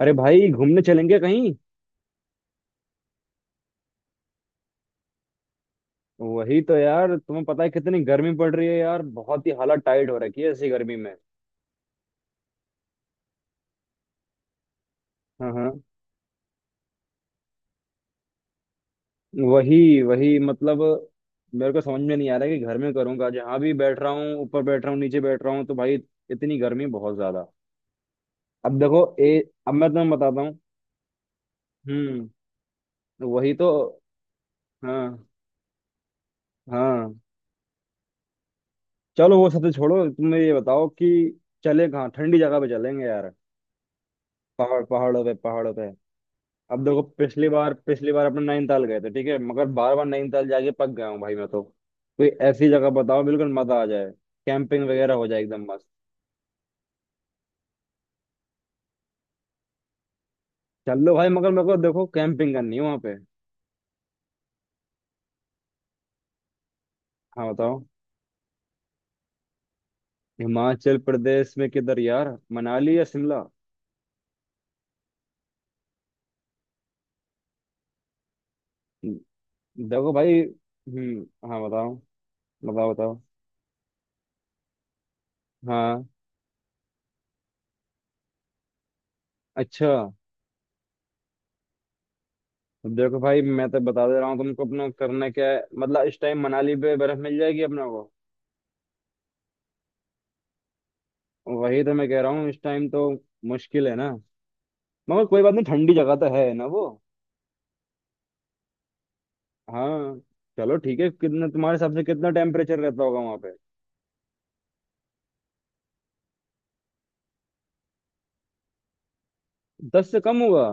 अरे भाई, घूमने चलेंगे कहीं? वही तो यार, तुम्हें पता है कितनी गर्मी पड़ रही है यार। बहुत ही हालत टाइट हो रखी है ऐसी गर्मी में। हाँ हाँ। वही वही, मतलब। मेरे को समझ में नहीं आ रहा है कि घर में करूँगा, जहाँ भी बैठ रहा हूँ, ऊपर बैठ रहा हूँ, नीचे बैठ रहा हूँ, तो भाई इतनी गर्मी बहुत ज्यादा। अब देखो, ए अब मैं तुम्हें बताता हूँ। हम्म। वही तो। हाँ हाँ। चलो वो सब तो छोड़ो, तुम ये बताओ कि चले कहाँ, ठंडी जगह पे चलेंगे यार। पहाड़, पहाड़ों पे पहाड़ों पे। अब देखो, पिछली बार अपने नैनीताल गए थे, ठीक है, मगर बार बार नैनीताल जाके पक गया हूँ भाई मैं तो। कोई ऐसी जगह बताओ बिल्कुल मजा आ जाए, कैंपिंग वगैरह हो जाए एकदम मस्त। चल लो भाई, मगर मेरे को देखो कैंपिंग करनी है वहां पे। हाँ बताओ। हिमाचल प्रदेश में किधर यार, मनाली या शिमला? देखो भाई। हम्म। हाँ बताओ बताओ बताओ। हाँ। अच्छा। देखो भाई, मैं तो बता दे रहा हूँ तुमको, अपना करना क्या है मतलब, इस टाइम मनाली पे बर्फ मिल जाएगी अपने को। वही तो मैं कह रहा हूँ, इस टाइम तो मुश्किल है ना। मगर कोई बात नहीं, ठंडी जगह तो है ना वो। हाँ। चलो ठीक है, कितना तुम्हारे हिसाब से कितना टेम्परेचर रहता होगा वहां पे? 10 से कम होगा?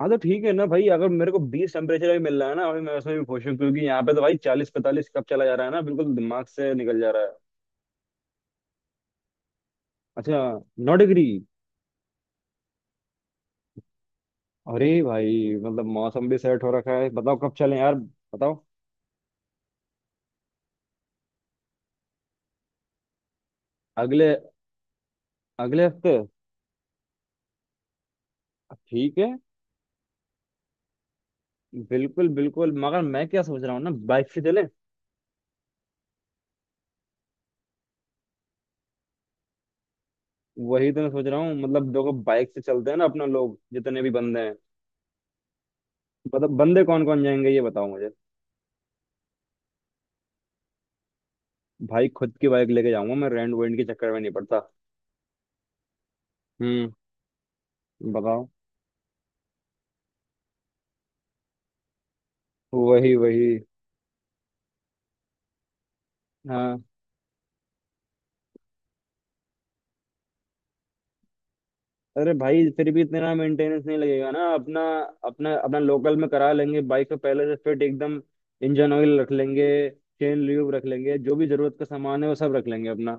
हाँ तो ठीक है ना भाई, अगर मेरे को 20 टेम्परेचर भी मिल रहा है ना, अभी मैं उसमें भी खुश हूँ, क्योंकि यहाँ पे तो भाई 40-45 कब चला जा रहा है ना, बिल्कुल दिमाग से निकल जा रहा है। अच्छा। 9 डिग्री? अरे भाई, मतलब मौसम भी सेट हो रखा है, बताओ कब चलें यार, बताओ। अगले अगले हफ्ते? ठीक है, बिल्कुल बिल्कुल, मगर मैं क्या सोच रहा हूँ ना, बाइक से चले। वही तो मैं सोच रहा हूँ, मतलब देखो बाइक से चलते हैं ना अपना, लोग जितने भी बंदे। मतलब बंदे कौन कौन जाएंगे, ये बताओ मुझे। भाई, खुद की बाइक लेके जाऊंगा मैं, रेंट वेंट के चक्कर में नहीं पड़ता। हम्म। बताओ। वही वही। हाँ। अरे भाई फिर भी इतना मेंटेनेंस नहीं लगेगा ना अपना। अपना लोकल में करा लेंगे बाइक को पहले से फिट एकदम। इंजन ऑयल रख लेंगे, चेन ल्यूब रख लेंगे, जो भी जरूरत का सामान है वो सब रख लेंगे अपना,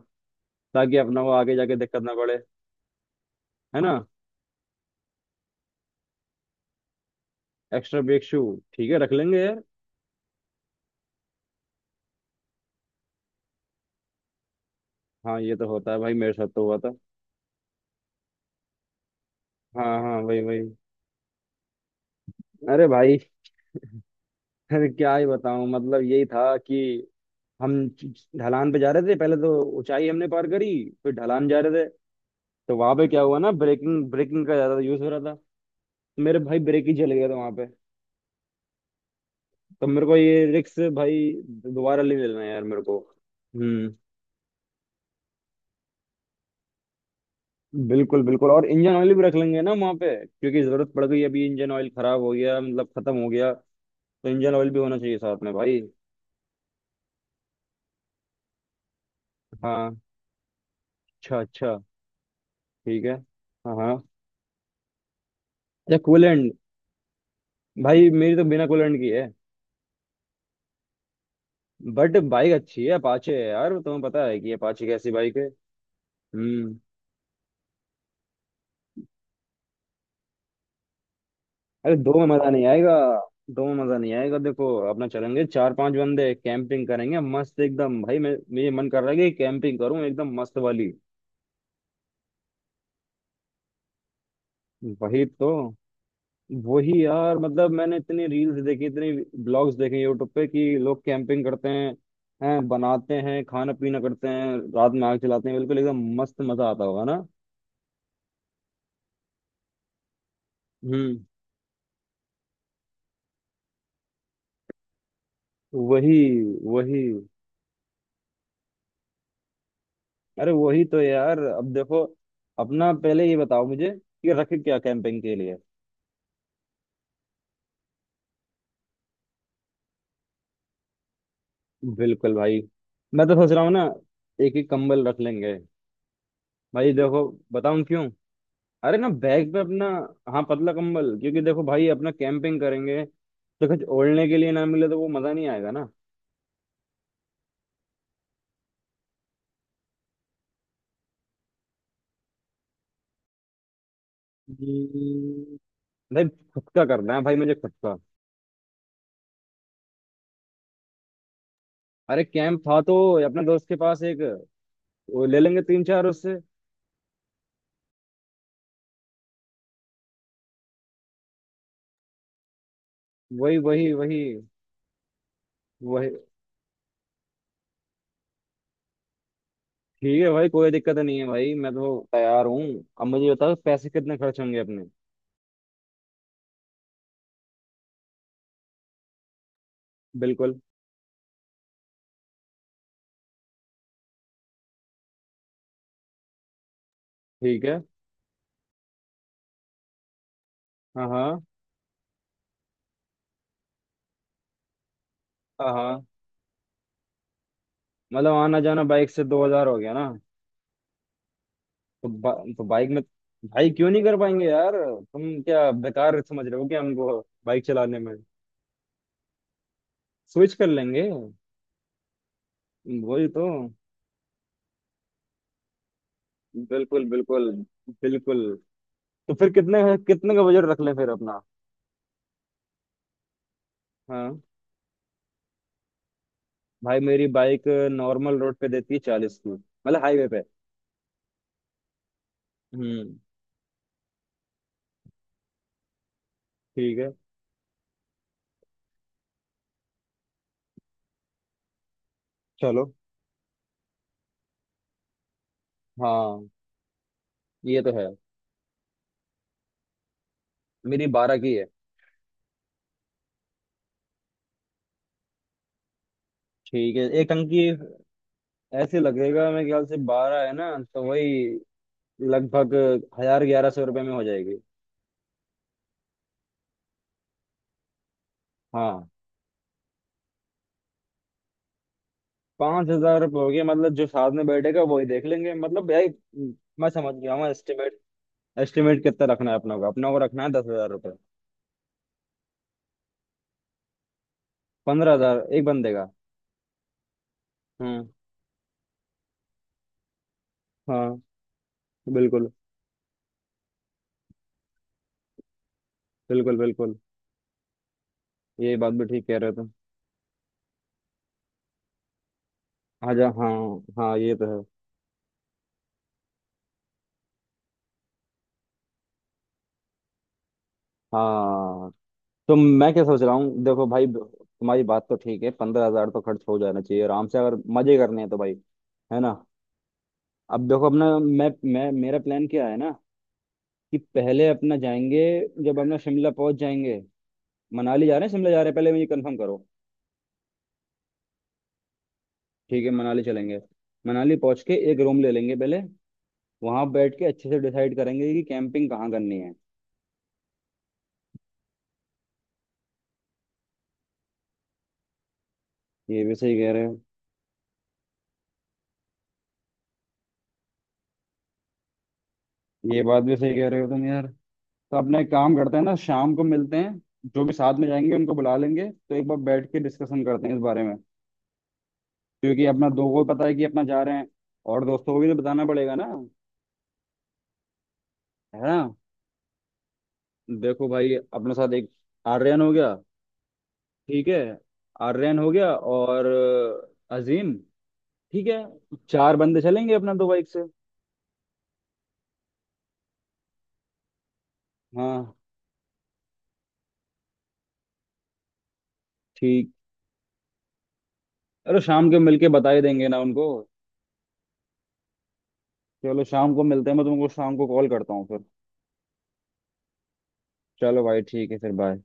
ताकि अपना को आगे जाके दिक्कत ना पड़े, है ना। Extra brake shoe? ठीक है, रख लेंगे। हाँ ये तो होता है भाई, मेरे साथ तो हुआ था। हाँ हाँ, वही वही। अरे भाई फिर क्या ही बताऊं, मतलब यही था कि हम ढलान पे जा रहे थे पहले तो। ऊंचाई हमने पार करी, फिर ढलान जा रहे थे। तो वहां पे क्या हुआ ना, ब्रेकिंग ब्रेकिंग का ज्यादा यूज हो रहा था। तो मेरे भाई ब्रेक ही चल गया था वहां पे। तो मेरे को ये रिक्स भाई दोबारा नहीं लेना है यार मेरे को। हम्म। बिल्कुल बिल्कुल, और इंजन ऑयल भी रख लेंगे ना वहां पे, क्योंकि जरूरत पड़ गई अभी इंजन ऑयल खराब हो गया, मतलब खत्म हो गया, तो इंजन ऑयल भी होना चाहिए साथ में भाई। हाँ। अच्छा अच्छा। ठीक है। हाँ हाँ, या कूलेंट? भाई, मेरी तो बिना कूलेंट की। बट बाइक अच्छी है, अपाचे है यार, तुम्हें पता है कि अपाचे कैसी बाइक है। हम्म। अरे दो में मजा नहीं आएगा। दो में मजा नहीं आएगा, देखो अपना चलेंगे चार पांच बंदे, कैंपिंग करेंगे मस्त एकदम भाई, मैं मेरे मन कर रहा है कि कैंपिंग करूं एकदम मस्त वाली। वही तो। वही यार, मतलब मैंने इतनी रील्स देखी, इतनी ब्लॉग्स देखे यूट्यूब पे कि लोग कैंपिंग करते हैं, बनाते हैं खाना पीना करते हैं, रात में आग जलाते हैं, बिल्कुल एकदम मस्त, मजा आता होगा ना। हम्म। वही वही। अरे वही तो यार, अब देखो अपना, पहले ये बताओ मुझे कि रख क्या कैंपिंग के लिए। बिल्कुल भाई। मैं तो सोच रहा हूँ ना, एक ही कंबल रख लेंगे। भाई देखो, बताऊँ क्यों। अरे ना, बैग पे अपना। हाँ, पतला कंबल, क्योंकि देखो भाई, अपना कैंपिंग करेंगे तो कुछ ओढ़ने के लिए ना मिले तो वो मजा नहीं आएगा ना। हम्म। भाई, खुद का करना है भाई मुझे, खुद का। अरे कैंप था तो, अपने दोस्त के पास एक, वो ले लेंगे तीन चार उससे। वही वही वही वही। ठीक है भाई, कोई दिक्कत नहीं है, भाई मैं तो तैयार हूँ। अब मुझे बताओ पैसे कितने खर्च होंगे अपने? बिल्कुल। ठीक है। हाँ हाँ हाँ हाँ, मतलब आना जाना बाइक से 2,000 हो गया ना। तो, बा, तो बाइक में, भाई क्यों नहीं कर पाएंगे यार, तुम क्या बेकार समझ रहे हो क्या हमको, बाइक चलाने में? स्विच कर लेंगे। वही तो। बिल्कुल बिल्कुल बिल्कुल। तो फिर कितने, कितने का बजट रख लें फिर अपना? हाँ भाई, मेरी बाइक नॉर्मल रोड पे देती है 40 की, मतलब हाईवे पे। हम्म। ठीक है। चलो। हाँ ये तो है, मेरी 12 की है। ठीक है, एक टंकी। ऐसे लगेगा मेरे ख्याल से, 12 है ना, तो वही लगभग 1,000-1,100 रुपये में हो जाएगी। हाँ। 5,000 रुपये हो गया, मतलब जो साथ में बैठेगा वही देख लेंगे, मतलब यार। मैं समझ गया हूँ एस्टिमेट। एस्टिमेट कितना रखना है अपना को रखना है 10,000 रुपये। पंद्रह हजार एक बंदे का? हम्म। हाँ, बिल्कुल बिल्कुल बिल्कुल, ये बात भी ठीक कह रहे हो तुम। अच्छा। हाँ हाँ, ये तो है। हाँ तो मैं क्या सोच रहा हूँ देखो भाई, तुम्हारी बात तो ठीक है, 15,000 तो खर्च हो जाना चाहिए आराम से अगर मजे करने हैं तो भाई, है ना। अब देखो अपना, मैं मेरा प्लान क्या है ना, कि पहले अपना जाएंगे, जब अपना शिमला पहुंच जाएंगे। मनाली जा रहे हैं शिमला जा रहे हैं, पहले मुझे कंफर्म करो। ठीक है, मनाली चलेंगे। मनाली पहुंच के एक रूम ले लेंगे पहले, वहां बैठ के अच्छे से डिसाइड करेंगे कि कैंपिंग कहाँ करनी है। ये भी सही कह रहे हो ये बात भी सही कह रहे हो तुम यार। तो अपना एक काम करते हैं ना, शाम को मिलते हैं, जो भी साथ में जाएंगे उनको बुला लेंगे, तो एक बार बैठ के डिस्कशन करते हैं इस बारे में। क्योंकि अपना दो को पता है कि अपना जा रहे हैं, और दोस्तों को भी तो बताना पड़ेगा ना, है ना। देखो भाई अपने साथ, एक आर्यन हो गया, ठीक है। आर्यन हो गया और अजीम, ठीक है। चार बंदे चलेंगे अपना दो बाइक से। हाँ। ठीक। अरे शाम के मिलके बता ही देंगे ना उनको। चलो शाम को मिलते हैं, मैं तुमको शाम को कॉल करता हूँ फिर। चलो भाई ठीक है, फिर बाय।